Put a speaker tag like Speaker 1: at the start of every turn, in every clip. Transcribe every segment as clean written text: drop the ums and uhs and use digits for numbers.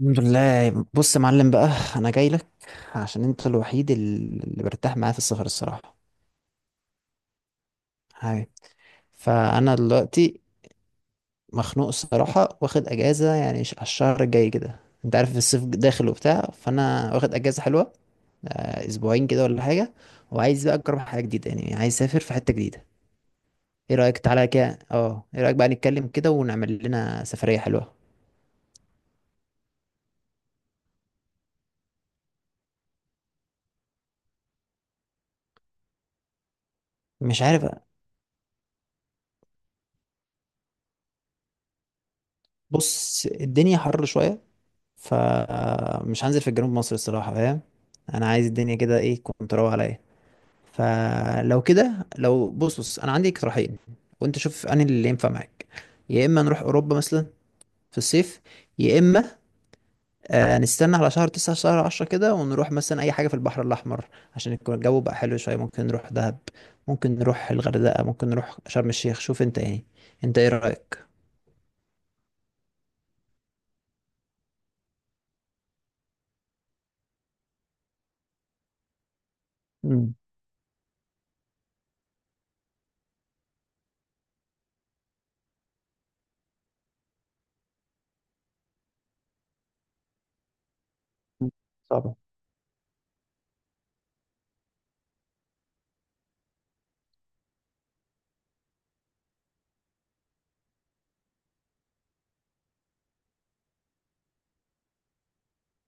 Speaker 1: الحمد لله. بص يا معلم، بقى انا جاي لك عشان انت الوحيد اللي برتاح معاه في السفر، الصراحه. هاي فانا دلوقتي مخنوق الصراحه، واخد اجازه يعني على الشهر الجاي كده، انت عارف الصيف داخل وبتاع، فانا واخد اجازه حلوه. اسبوعين كده ولا حاجه. وعايز بقى اجرب حاجه جديده، يعني عايز اسافر في حته جديده. ايه رايك تعالى كده، ايه رايك بقى نتكلم كده ونعمل لنا سفريه حلوه؟ مش عارف. بص، الدنيا حر شويه، فمش هنزل في جنوب مصر الصراحة، فاهم. انا عايز الدنيا كده ايه، كنت روق عليا. فلو كده، لو بص بص، انا عندي اقتراحين، وانت شوف انهي اللي ينفع معاك. يا اما نروح اوروبا مثلا في الصيف، يا اما نستنى على شهر 9 شهر 10 كده، ونروح مثلا اي حاجة في البحر الاحمر عشان يكون الجو بقى حلو شوية. ممكن نروح دهب، ممكن نروح الغردقة، ممكن نروح شرم الشيخ. شوف انت يعني، انت ايه رأيك؟ مم. صعبة.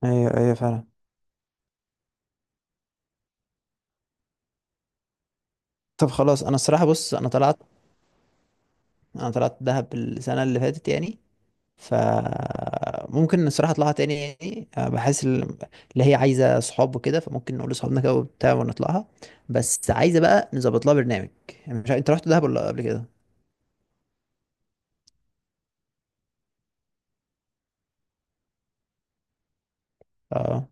Speaker 1: ايوه ايوه فعلا. طب خلاص، انا الصراحة بص، انا طلعت دهب السنه اللي فاتت يعني، فممكن الصراحه اطلعها تاني، يعني بحس اللي هي عايزه صحاب وكده، فممكن نقول لصحابنا كده وبتاع ونطلعها. بس عايزه بقى نظبط لها برنامج. يعني، مش انت رحت دهب ولا قبل كده؟ اه،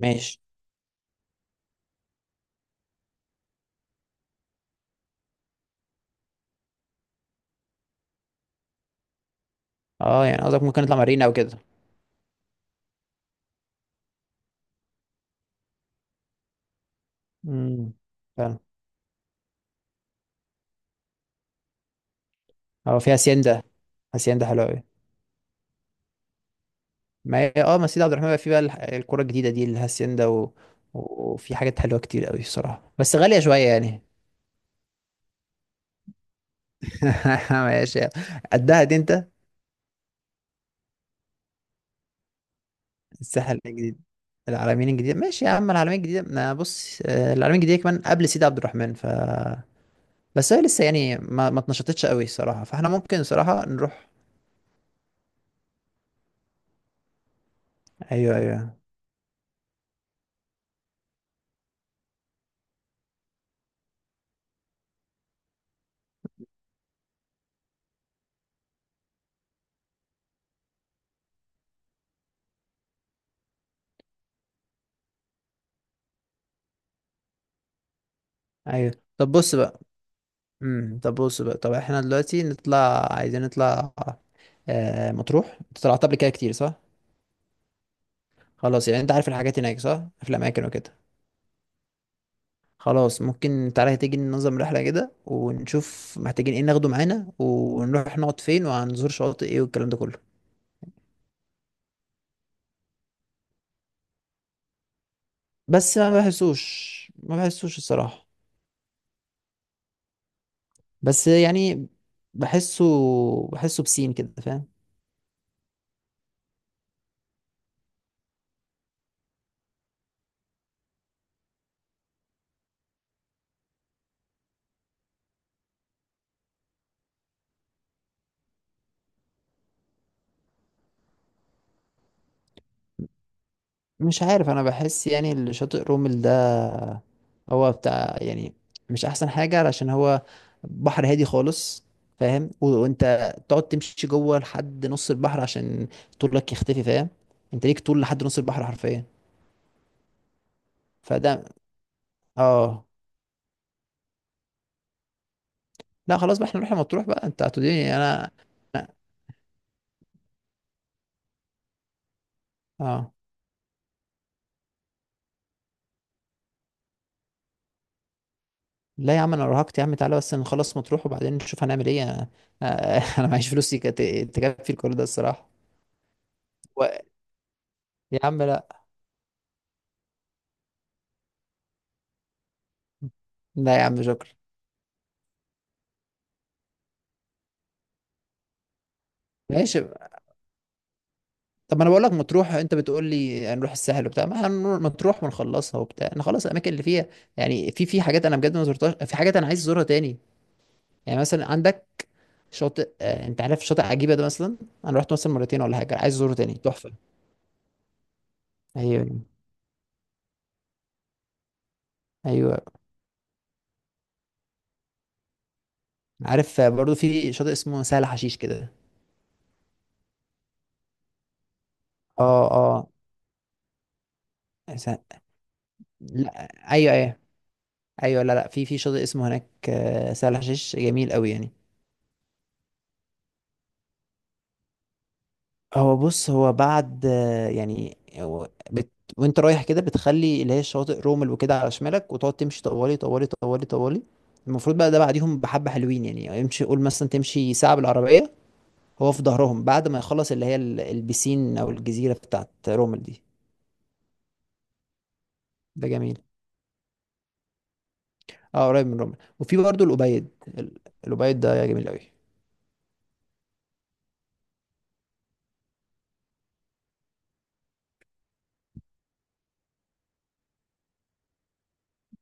Speaker 1: ماشي. اه، يعني قصدك ممكن نطلع مارينا او كده. امم، فعلا. اه، فيها هاسيندا. هاسيندا حلوه قوي. ما هي مسجد عبد الرحمن بقى فيه بقى الكوره الجديده دي اللي هاسيندا و... وفي حاجات حلوه كتير قوي الصراحه، بس غاليه شويه يعني. ماشي، قدها دي انت. الساحل الجديد، العلمين الجديدة، ماشي يا عم. العلمين الجديدة، ما بص، العلمين الجديدة كمان قبل سيدي عبد الرحمن، ف... بس هي لسه يعني ما اتنشطتش قوي الصراحة، فاحنا ممكن صراحة نروح. ايوه ايوه. ايوه، طب بص بقى، طب بص بقى، طب احنا دلوقتي نطلع، عايزين نطلع. مطروح، انت طلعت قبل كده كتير، صح؟ خلاص يعني، انت عارف الحاجات هناك، صح، في الاماكن وكده. خلاص، ممكن تعالى تيجي ننظم رحلة كده، ونشوف محتاجين ايه ناخده معانا، ونروح نقعد فين، وهنزور شواطئ ايه، والكلام ده كله. بس ما بحسوش الصراحة. بس يعني، بحسه بحسه بسين كده، فاهم. مش عارف، انا بحس يعني اللي شاطئ رومل ده، هو بتاع يعني، مش احسن حاجة، علشان هو بحر هادي خالص، فاهم، وانت تقعد تمشي جوه لحد نص البحر، عشان طولك يختفي، فاهم، انت ليك طول لحد نص البحر حرفيا. فده... اه، لا خلاص بقى احنا نروح مطروح بقى، انت هتوديني انا. أنا- اه لا يا عم، انا ارهقت يا عم، تعالى بس نخلص مطروح وبعدين نشوف هنعمل ايه انا. أنا معيش فلوس تكفي الكل ده الصراحه. و... يا عم لا، لا يا عم، شكرا. ماشي. طب ما انا بقول لك مطروح، انت بتقول لي هنروح الساحل وبتاع، ما احنا هنروح مطروح ونخلصها وبتاع، نخلص الاماكن اللي فيها. يعني في حاجات انا بجد ما زرتهاش، في حاجات انا عايز ازورها تاني. يعني مثلا عندك شاطئ، انت عارف شاطئ عجيبه ده مثلا. انا رحت مثلا مرتين ولا حاجه، عايز ازوره تاني، تحفه. ايوه ايوه، عارف. برضو في شاطئ اسمه سهل حشيش كده. اه. س... لا، ايوه ايوه ايوه، لا لا، في شاطئ اسمه هناك، سهل حشيش جميل قوي يعني. هو بص، هو بعد يعني هو بت... وانت رايح كده بتخلي اللي هي الشواطئ رومل وكده على شمالك، وتقعد تمشي طوالي طوالي طوالي طوالي. المفروض بقى ده بعديهم بحبة حلوين، يعني امشي قول مثلا تمشي ساعة بالعربية. هو في ظهرهم بعد ما يخلص اللي هي البسين او الجزيرة بتاعت رومل دي. ده جميل. اه، قريب من رومل، وفي برضه الأبيض، ال- الأبيض ده جميل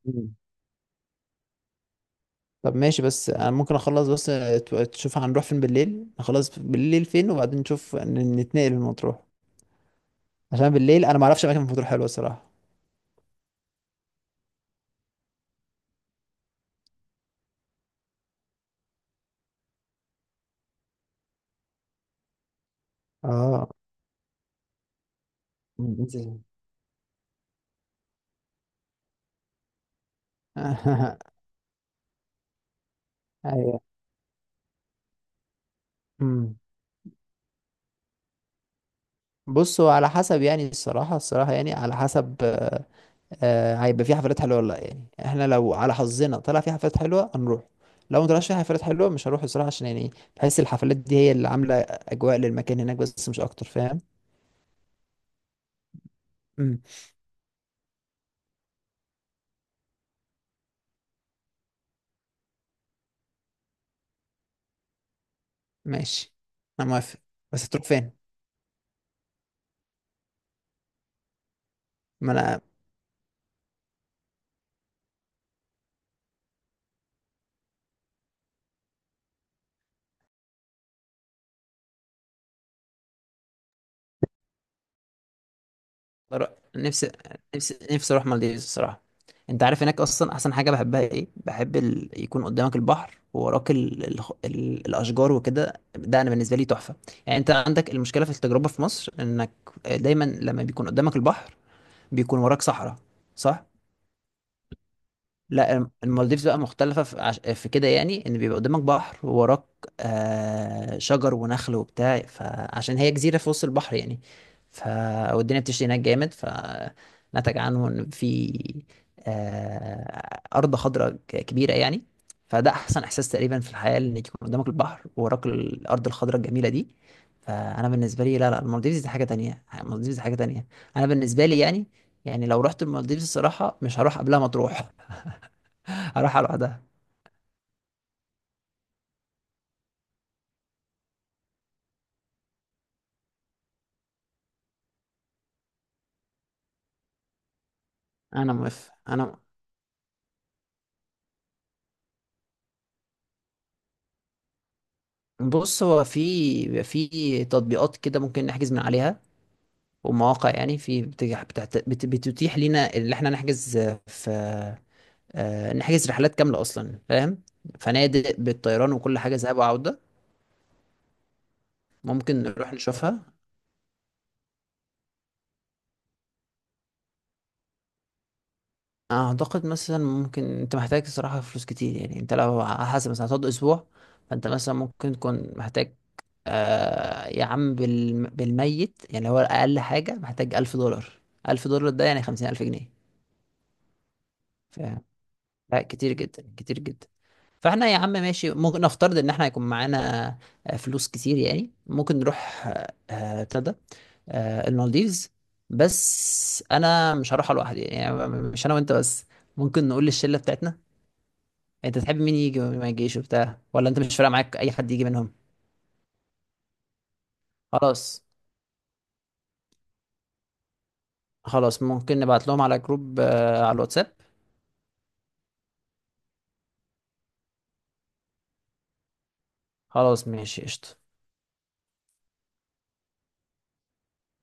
Speaker 1: قوي. طب ماشي، بس انا ممكن اخلص بس، تشوف هنروح فين بالليل، نخلص بالليل فين، وبعدين نشوف نتنقل لمطروح، عشان بالليل انا ما اعرفش اماكن في مطروح حلوه الصراحه. اه. انت- ايوه. امم بصوا على حسب يعني الصراحه، يعني على حسب، هيبقى في حفلات حلوه ولا لا. يعني احنا لو على حظنا طلع في حفلات حلوه هنروح، لو ما طلعش في حفلات حلوه مش هروح الصراحه، عشان يعني بحس الحفلات دي هي اللي عامله اجواء للمكان هناك بس، مش اكتر، فاهم. ماشي، انا موافق. بس هتروح فين؟ ما انا بروح- نفسي نفسي نفسي اروح مالديفز الصراحه. انت عارف هناك اصلا احسن حاجه بحبها ايه، بحب يكون قدامك البحر ووراك الاشجار وكده، ده انا بالنسبه لي تحفه. يعني انت عندك المشكله في التجربه في مصر، انك دايما لما بيكون قدامك البحر بيكون وراك صحراء، صح. لا، المالديفز بقى مختلفة في، في كده يعني، ان بيبقى قدامك بحر ووراك شجر ونخل وبتاع، فعشان هي جزيرة في وسط البحر يعني، ف... والدنيا بتشتي هناك جامد، فنتج عنه ان في أرض خضراء كبيرة يعني. فده أحسن إحساس تقريبا في الحياة، إن يكون قدامك البحر ووراك الأرض الخضراء الجميلة دي. فأنا بالنسبة لي، لا لا، المالديفز دي حاجة تانية، المالديفز دي حاجة تانية، أنا بالنسبة لي يعني. يعني لو رحت المالديفز الصراحة، مش هروح قبلها مطروح، هروحها لوحدها. انا موافق انا. بص، هو في تطبيقات كده ممكن نحجز من عليها ومواقع، يعني في بتتيح لينا اللي احنا نحجز في، نحجز رحلات كاملة اصلا، فاهم، فنادق بالطيران وكل حاجة، ذهاب وعودة. ممكن نروح نشوفها. اعتقد مثلا ممكن انت محتاج الصراحه فلوس كتير، يعني انت لو على حسب مثلا هتقعد اسبوع، فانت مثلا ممكن تكون محتاج، يا عم بالميت يعني، هو اقل حاجه محتاج 1000 دولار. 1000 دولار ده يعني 50000 جنيه. ف... لا، كتير جدا كتير جدا. فاحنا يا عم ماشي، ممكن نفترض ان احنا هيكون معانا فلوس كتير، يعني ممكن نروح ابتدى المالديفز. بس انا مش هروح لوحدي، يعني مش انا وانت بس، ممكن نقول للشله بتاعتنا. انت تحب مين يجي ومين ما يجيش وبتاع، ولا انت مش فارق معاك اي حد يجي منهم؟ خلاص. خلاص ممكن نبعت لهم على جروب، على الواتساب. خلاص ماشي، قشطة.